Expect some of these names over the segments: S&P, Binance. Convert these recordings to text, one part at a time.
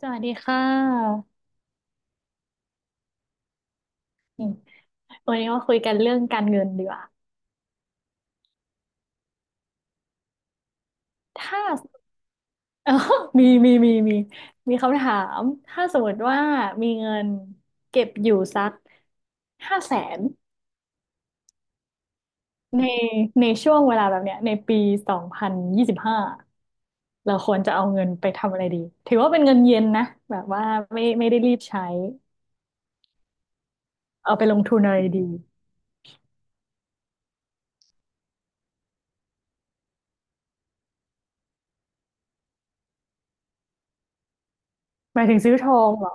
สวัสดีค่ะอืมวันนี้มาคุยกันเรื่องการเงินดีกว่าถ้า เออมีมีมีมีมีคำถามถ้าสมมติว่ามีเงินเก็บอยู่สัก500,000ในช่วงเวลาแบบเนี้ยในปี2025เราควรจะเอาเงินไปทำอะไรดีถือว่าเป็นเงินเย็นนะแบบว่าไม่ได้รีบใช้เอาไปลงทุนอะไรดีหมายถึงซื้อทองเหรอ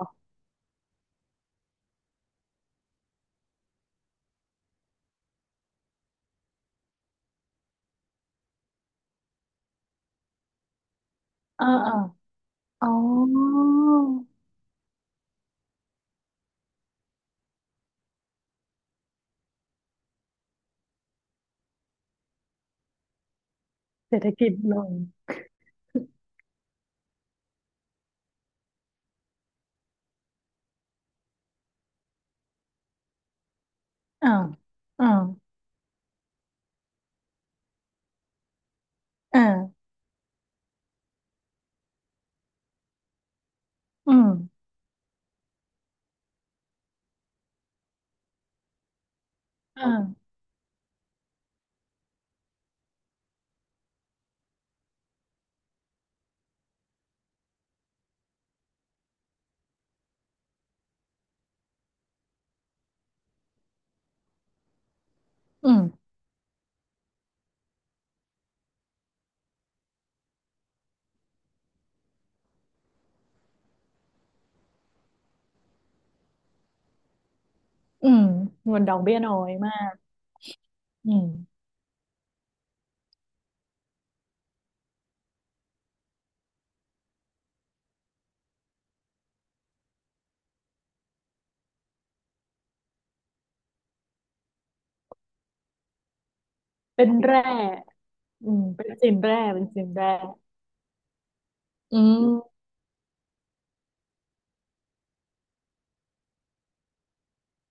อ่าอ่าอ๋อเศรษฐกิจลงอ่าอ่า อ่าอืมอ่าอืมอืมงนดอกเบี้ยน้อยมากอืมเป็นแร่อืมเป็นสินแร่เป็นสินแร่อืม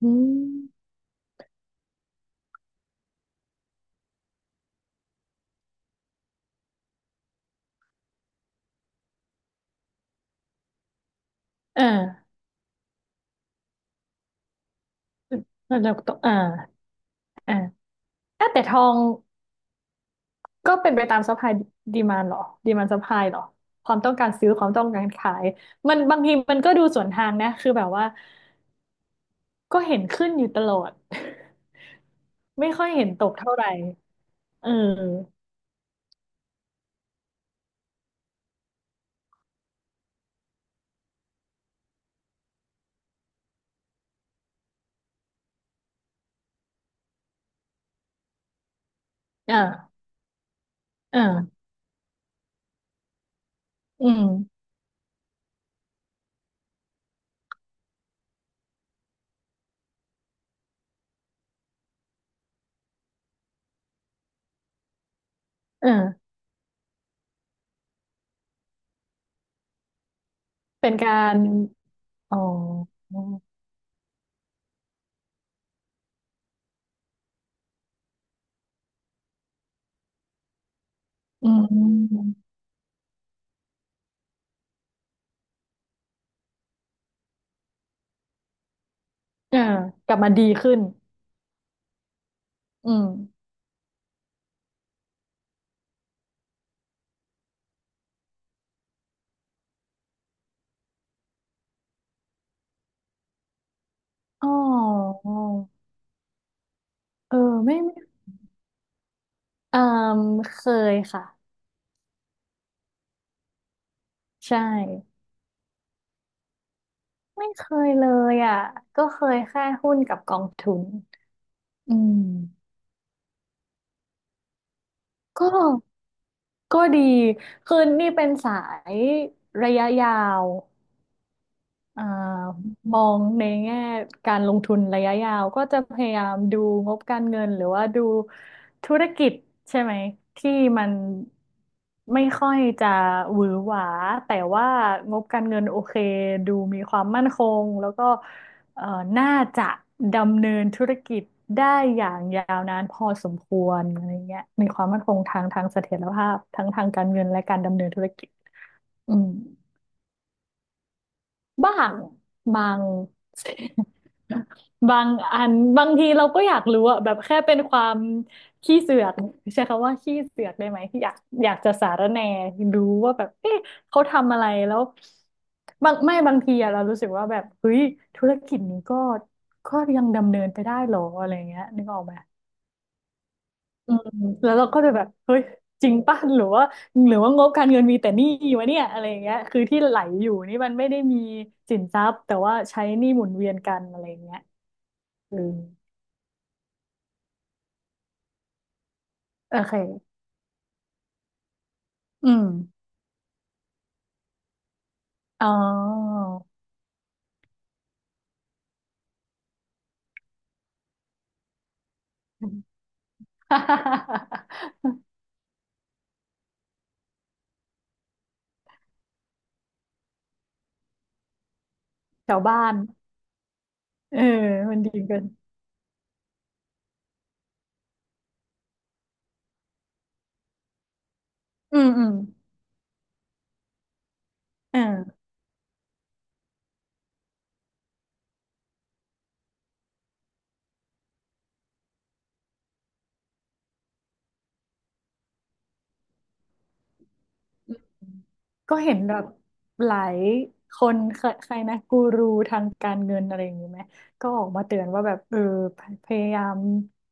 อืมอ่าแล้วเรากต้องอ่าอ่ะแต่ทองก็เป็นไปตามซัพพลายดีมานหรอดีมานซัพพลายหรอความต้องการซื้อความต้องการขายมันบางทีมันก็ดูสวนทางนะคือแบบว่าก็เห็นขึ้นอยู่ตลอด ไม่ค่อยเห็นตกเท่าไหร่เอออ่าอ่าอืมเออ เป็นการอ๋ออืมเอ่ากลับมาดีขึ้นอืมอ๋อเออไม่เออเคยค่ะ ใช่ ไม่เคยเลยอ่ะ เคยแค่หุ้นกับกองทุนอืมก็ก็ดี คือนี่เป็นสายระยะยาว อ่ามองในแง่การลงทุนระยะยาวก็จะพยายามดูงบการเงินหรือว่าดูธุรกิจใช่ไหมที่มันไม่ค่อยจะหวือหวาแต่ว่างบการเงินโอเคดูมีความมั่นคงแล้วก็เอ่อน่าจะดำเนินธุรกิจได้อย่างยาวนานพอสมควรอะไรเงี้ยมีความมั่นคงทางเสถียรภาพทั้งทางการเงินและการดำเนินธุรกิจอืม บ้างบาง บางอันบางทีเราก็อยากรู้อะแบบแค่เป็นความขี้เสือกใช้คำว่าขี้เสือกได้ไหมที่อยากอยากจะสารแหน่รู้ว่าแบบเอ๊ะเขาทำอะไรแล้วบางทีอะเรารู้สึกว่าแบบเฮ้ยธุรกิจนี้ก็ยังดำเนินไปได้หรออะไรเงี้ยนึกออกไหม อืมแล้วเราก็จะแบบเฮ้ยจริงป่ะหรือว่างบการเงินมีแต่หนี้วะเนี่ยอะไรอย่างเงี้ยคือที่ไหลอยู่นี่มันไม่ได้มีสินทรัพย์แต่ว่าใช้หนี้หมุนเวียนกันอะไรอย่างเงี้ยอืมโอเคอืมอ๋อ แถวบ้านเออมันดีเกันอืมอืมอ่า ก็เห็นแบบหลายคนใครใครนะกูรูทางการเงินอะไรอย่างนี้ไหมก็ออกมาเตือนว่าแบบเออพพยายาม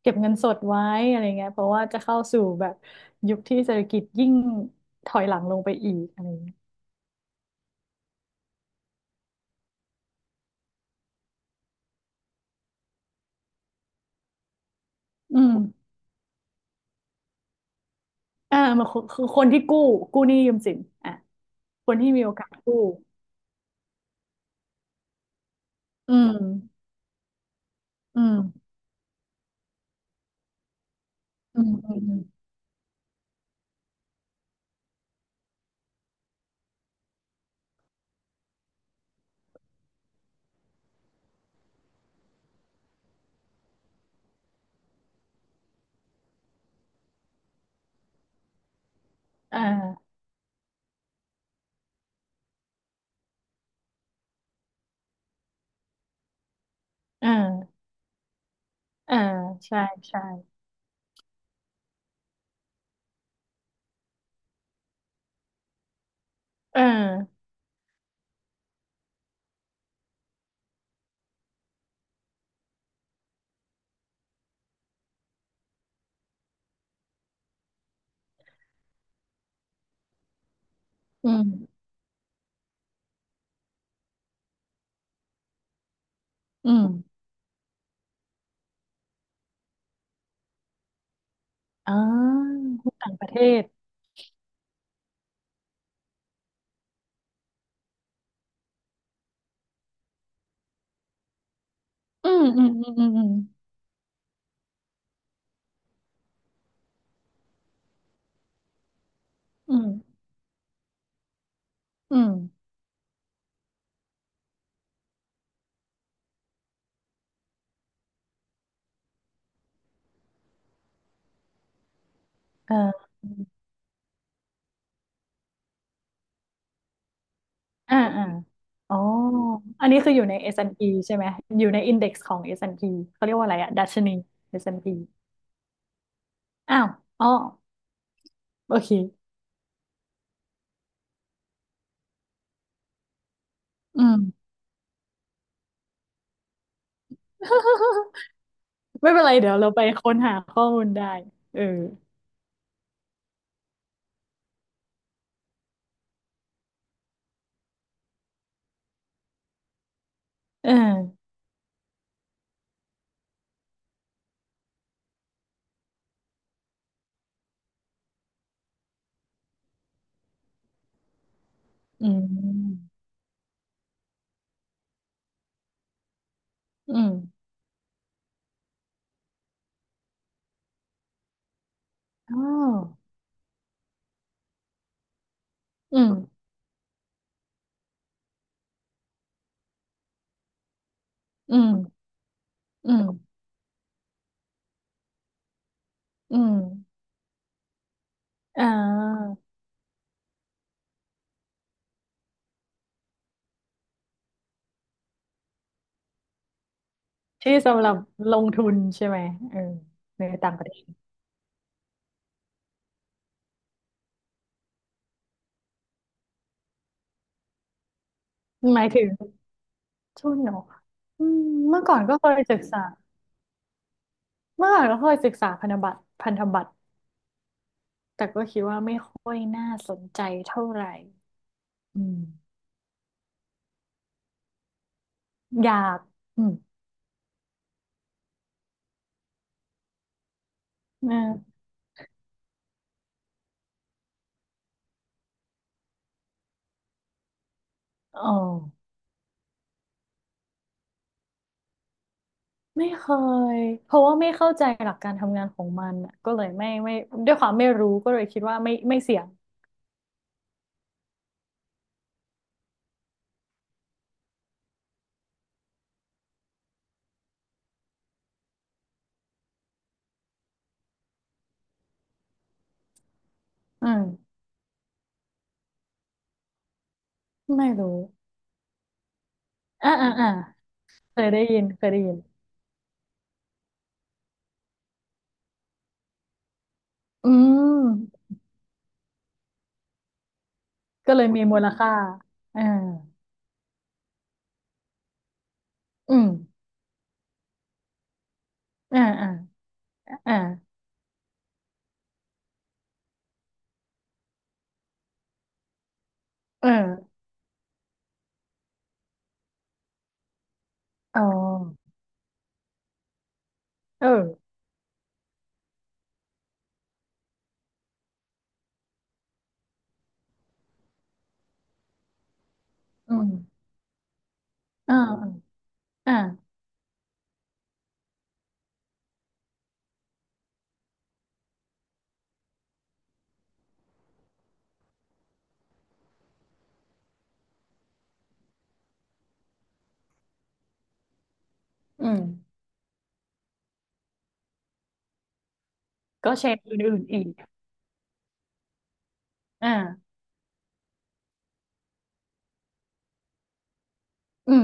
เก็บเงินสดไว้อะไรเงี้ยเพราะว่าจะเข้าสู่แบบยุคที่เศรษฐกิจยิ่งถอยหลังลงไปอีกอะไรเงี้ยอืมอ่ามันคือคนที่กู้กู้หนี้ยืมสินอ่ะคนที่มีโอกาสกู้อืมอืมอืมอืมอืมอ่าอ่าอ่าใช่ใช่เอออืมอืม อ่าหุ้นต่างประเทศ อืมอืมอืมอืมอืมอืมอ่าอ่าอ่าอ๋ออันนี้คืออยู่ใน S&P ใช่ไหมอยู่ในอินเด็กซ์ของ S&P เขาเรียกว่าอะไรอะดัชนีเอสแอนด์พีอ้าวอ๋อโอเคอืม ไม่เป็นไรเดี๋ยวเราไปค้นหาข้อมูลได้เออเอออืมอืมอืมอ๋ออืมอืมอืมอืมอ่า ที่สำหรับลงทุนใช่ไหมเออในต่างประเทศหมายถึงทุนเนาะอืมเมื่อก่อนก็เคยศึกษาเมื่อก่อนก็เคยศึกษาพันธบัตรพันธบัตรแต่ก็คิดว่าไม่ค่อยน่าสนใจเท่าไหร่อืมอยากอืมนะเออไม่เคยเพราะว่าไม่เข้าใจหลักการทำงานของมันอะก็เลยไม่ด้วยความไม่รู้ก็เลยคิดว่าไม่เสี่ยงอืมไม่รู้อ่าอ่าอ่าเคยได้ยินอืม ก็เลยมีมูลค่าเอออืมอ่าอ่าอ่าเอออ๋อเอออืมอ่าอ่าอืมก็เชนอื่นๆอีกอ่าอืม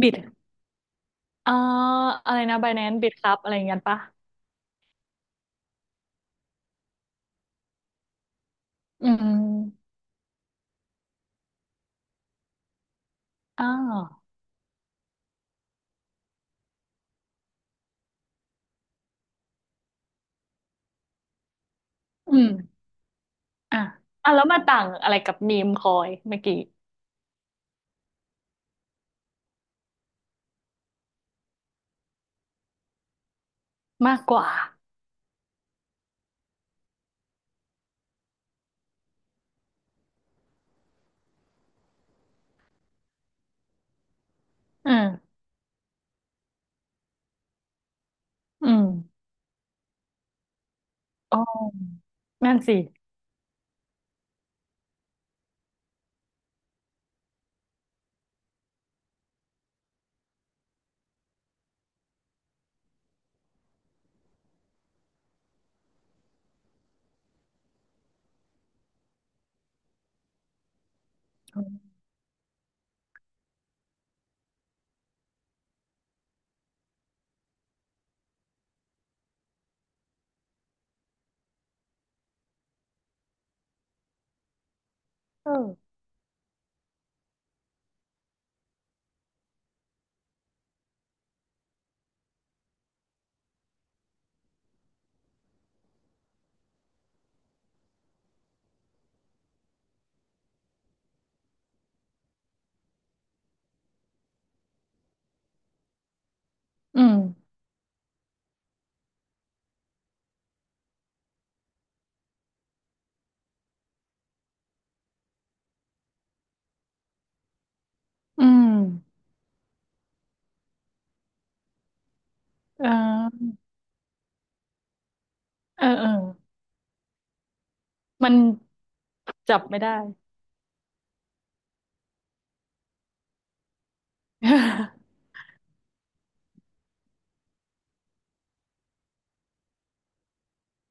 บิดอ่าอะไรนะ Binance บิดครับ อะไรเงี้ยปะอืมอ่าอืมอ่ะอ่ะแล้วมาต่างอะไรกับมีมคอยเมื่อกี้มากกว่าเอออืมอ๋อนั่นสิเอออืมอืมเออเออเออ มันจับไม่ได้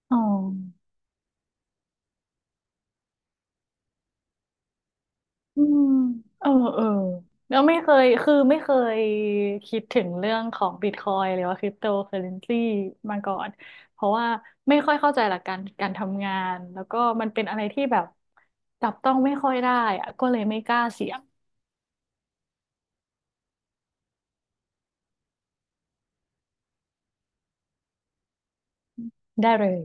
อ๋ออืมเออเออแล้วไม่เคยคือไม่เคยคิดถึงเรื่องของบิตคอยหรือว่าคริปโตเคอเรนซีมาก่อน เพราะว่าไม่ค่อยเข้าใจหลักการการทำงาน แล้วก็มันเป็นอะไรที่แบบจับต้องไม่ค่อยได้อะก็เลยไม่กล้าเสี่ยงได้เลย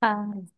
ค่ะ